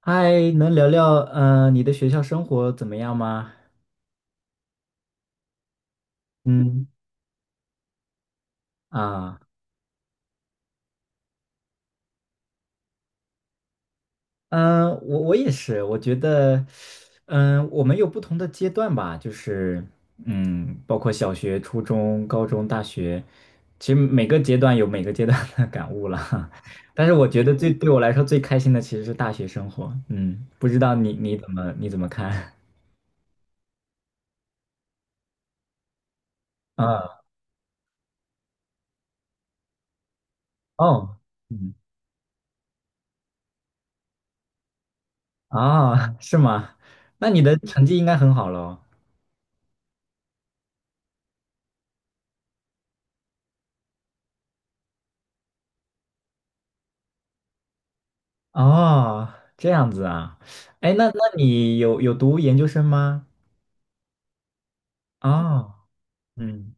嗨，能聊聊你的学校生活怎么样吗？嗯。啊。嗯，我也是，我觉得，我们有不同的阶段吧，就是包括小学、初中、高中、大学，其实每个阶段有每个阶段的 感悟了。但是我觉得最对我来说最开心的其实是大学生活。嗯，不知道你怎么看？啊。哦。嗯。啊，是吗？那你的成绩应该很好喽。哦，这样子啊，哎，那你有读研究生吗？哦，嗯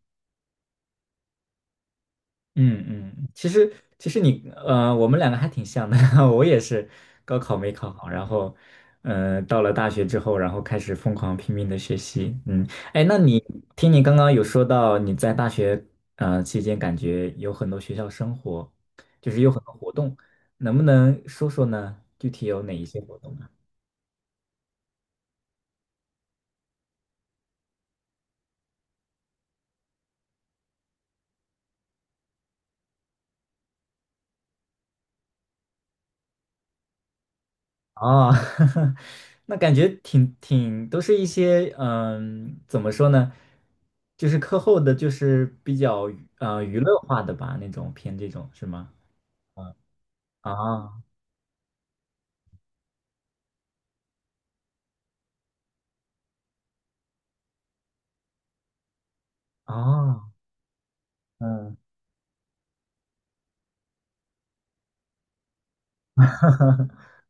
嗯嗯，其实，我们两个还挺像的，我也是高考没考好，然后到了大学之后，然后开始疯狂拼命的学习，哎，那你听你刚刚有说到你在大学期间感觉有很多学校生活，就是有很多活动，能不能说说呢？具体有哪一些活动？哦，那感觉挺都是一些怎么说呢，就是课后的，就是比较娱乐化的吧，那种偏这种是吗？啊。哦。嗯。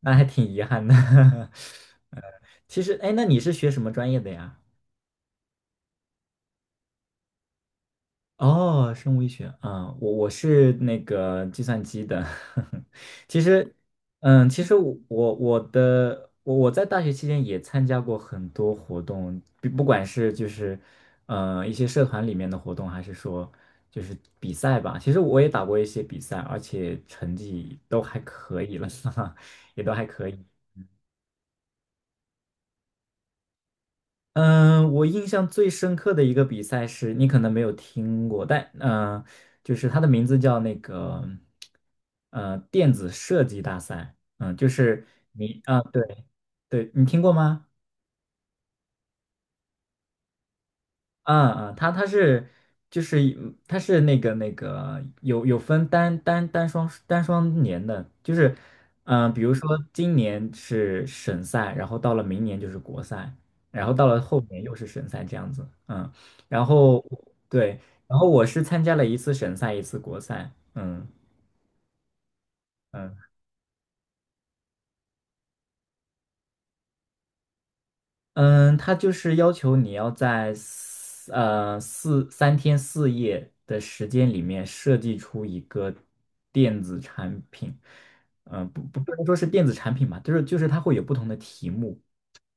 那还挺遗憾的。呃，其实哎，那你是学什么专业的呀？哦，生物医学啊，我是那个计算机的，其实，我我我的我我在大学期间也参加过很多活动，不管是就是一些社团里面的活动，还是说就是比赛吧。其实我也打过一些比赛，而且成绩都还可以了，哈哈，也都还可以。嗯，我印象最深刻的一个比赛是你可能没有听过，但就是它的名字叫那个电子设计大赛，嗯，就是你啊，对对，你听过吗？嗯嗯，它是就是一它是那个有分单双年的，就是比如说今年是省赛，然后到了明年就是国赛，然后到了后年又是省赛这样子，然后对，然后我是参加了一次省赛，一次国赛，嗯。嗯。嗯，他就是要求你要在四呃四三天四夜的时间里面设计出一个电子产品，不不能说是电子产品吧，就是它会有不同的题目，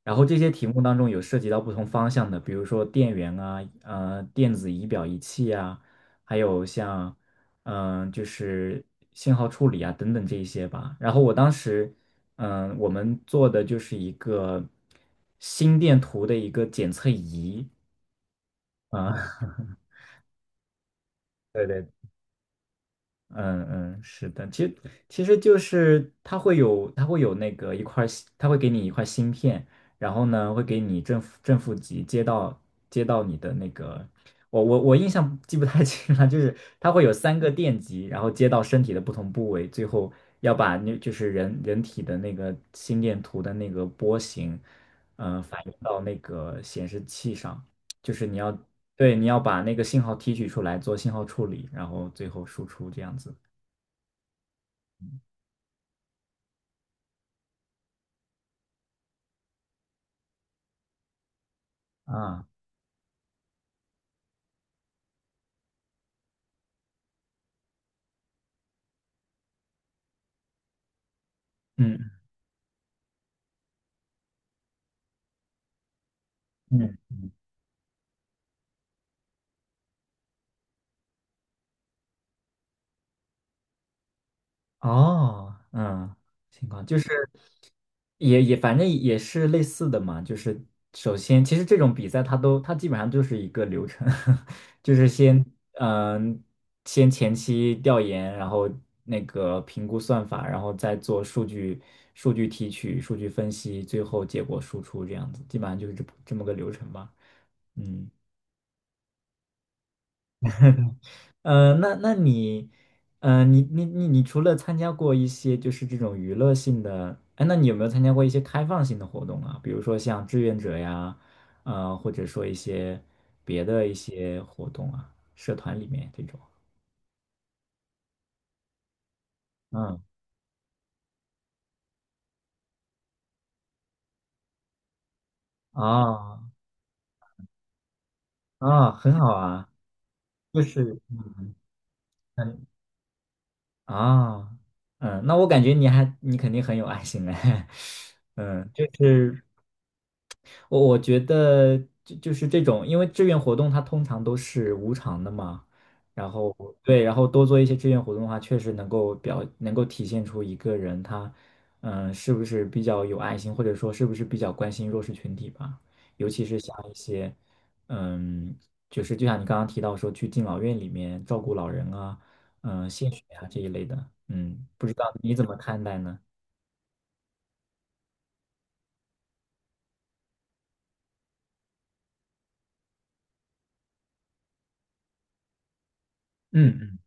然后这些题目当中有涉及到不同方向的，比如说电源啊，电子仪表仪器啊，还有像，就是信号处理啊等等这一些吧。然后我当时，我们做的就是一个心电图的一个检测仪啊，对对。嗯嗯，是的，其实就是它会有那个一块儿芯它会给你一块芯片，然后呢会给你正负极接到你的那个，我印象记不太 清了，就是它会有三个电极，然后接到身体的不同部位，最后要把那就是人体的那个心电图的那个波形，反映到那个显示器上，就是你要对，你要把那个信号提取出来做信号处理，然后最后输出这样子。啊。嗯嗯。哦。嗯。情况就是也反正也是类似的嘛，就是首先其实这种比赛它基本上就是一个流程，就是嗯、先前期调研，然后那个评估算法，然后再做数据提取、数据分析，最后结果输出这样子，基本上就是这么个流程吧。嗯。那你，你除了参加过一些就是这种娱乐性的，哎，那你有没有参加过一些开放性的活动啊？比如说像志愿者呀，或者说一些别的一些活动啊，社团里面这种。嗯。啊啊。很好啊，就是嗯啊那我感觉你肯定很有爱心哎，就是。我觉得就是这种，因为志愿活动它通常都是无偿的嘛，然后对，然后多做一些志愿活动的话，确实能够体现出一个人他是不是比较有爱心，或者说是不是比较关心弱势群体吧，尤其是像一些嗯，就是就像你刚刚提到说去敬老院里面照顾老人啊，献血啊这一类的，不知道你怎么看待呢？嗯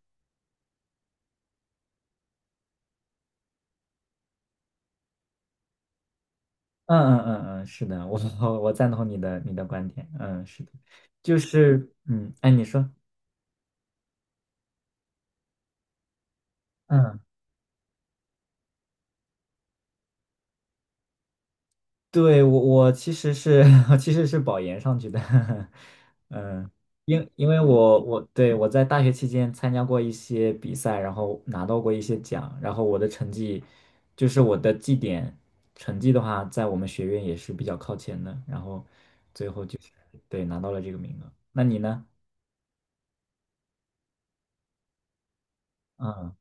嗯嗯嗯嗯，是的，我赞同你的观点，是的，就是哎，你说，嗯，对我其实是 我其实是保研上去的，嗯，因为我在大学期间参加过一些比赛，然后拿到过一些奖，然后我的成绩就是我的绩点成绩的话，在我们学院也是比较靠前的，然后对拿到了这个名额，那你呢？嗯。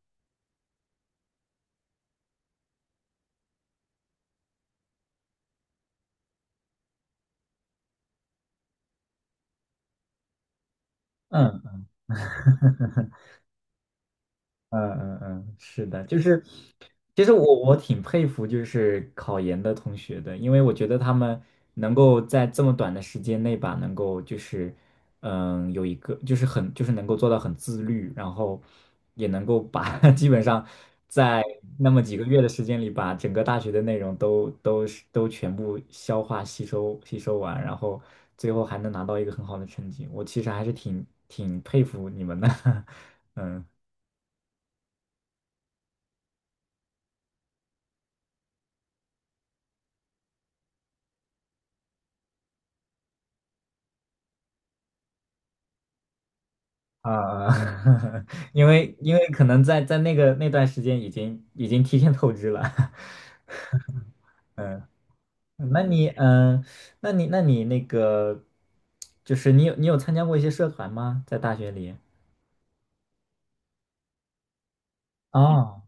嗯嗯，是的，就是，其实我挺佩服就是考研的同学的，因为我觉得他们能够在这么短的时间内吧，能够就是，有一个就是很就是能够做到很自律，然后也能够把 基本上在那么几个月的时间里，把整个大学的内容都全部消化吸收完，然后最后还能拿到一个很好的成绩，我其实还是挺佩服你们的，嗯。啊，因为可能在在那段时间已经提前透支了，嗯，那你嗯，那你那你那个，就是你有参加过一些社团吗？在大学里？哦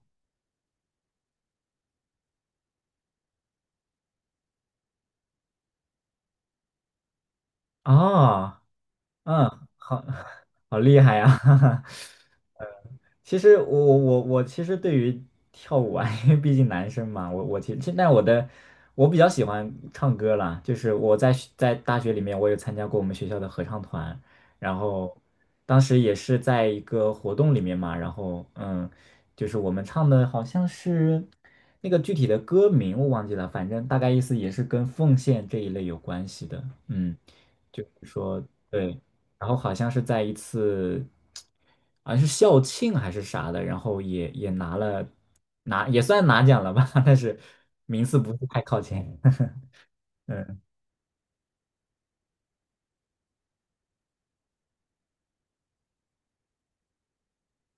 哦。嗯。好。好厉害呀，其实我对于跳舞啊，因为毕竟男生嘛，我我其实但我的我比较喜欢唱歌啦，就是我在大学里面，我有参加过我们学校的合唱团，然后当时也是在一个活动里面嘛，然后就是我们唱的好像是那个具体的歌名我忘记了，反正大概意思也是跟奉献这一类有关系的，嗯，就是说对。然后好像是在一次，好像是校庆还是啥的，然后也拿了拿也算拿奖了吧，但是名次不是太靠前。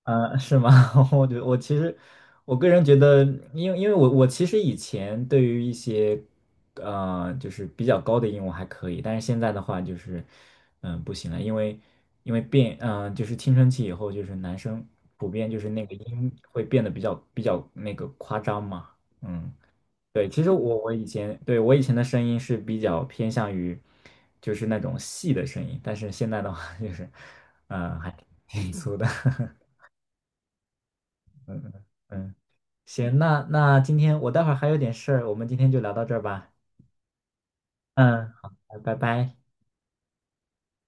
嗯，是吗？我觉得我其实，我个人觉得，因为我其实以前对于一些，就是比较高的音我还可以，但是现在的话就是，不行了，因为因为变，嗯、就是青春期以后，就是男生普遍就是那个音会变得比较那个夸张嘛，嗯，对，其实我以前对我以前的声音是比较偏向于，就是那种细的声音，但是现在的话就是，还挺粗的。嗯嗯，嗯，行，那今天我待会儿还有点事儿，我们今天就聊到这儿吧。嗯，好，拜拜。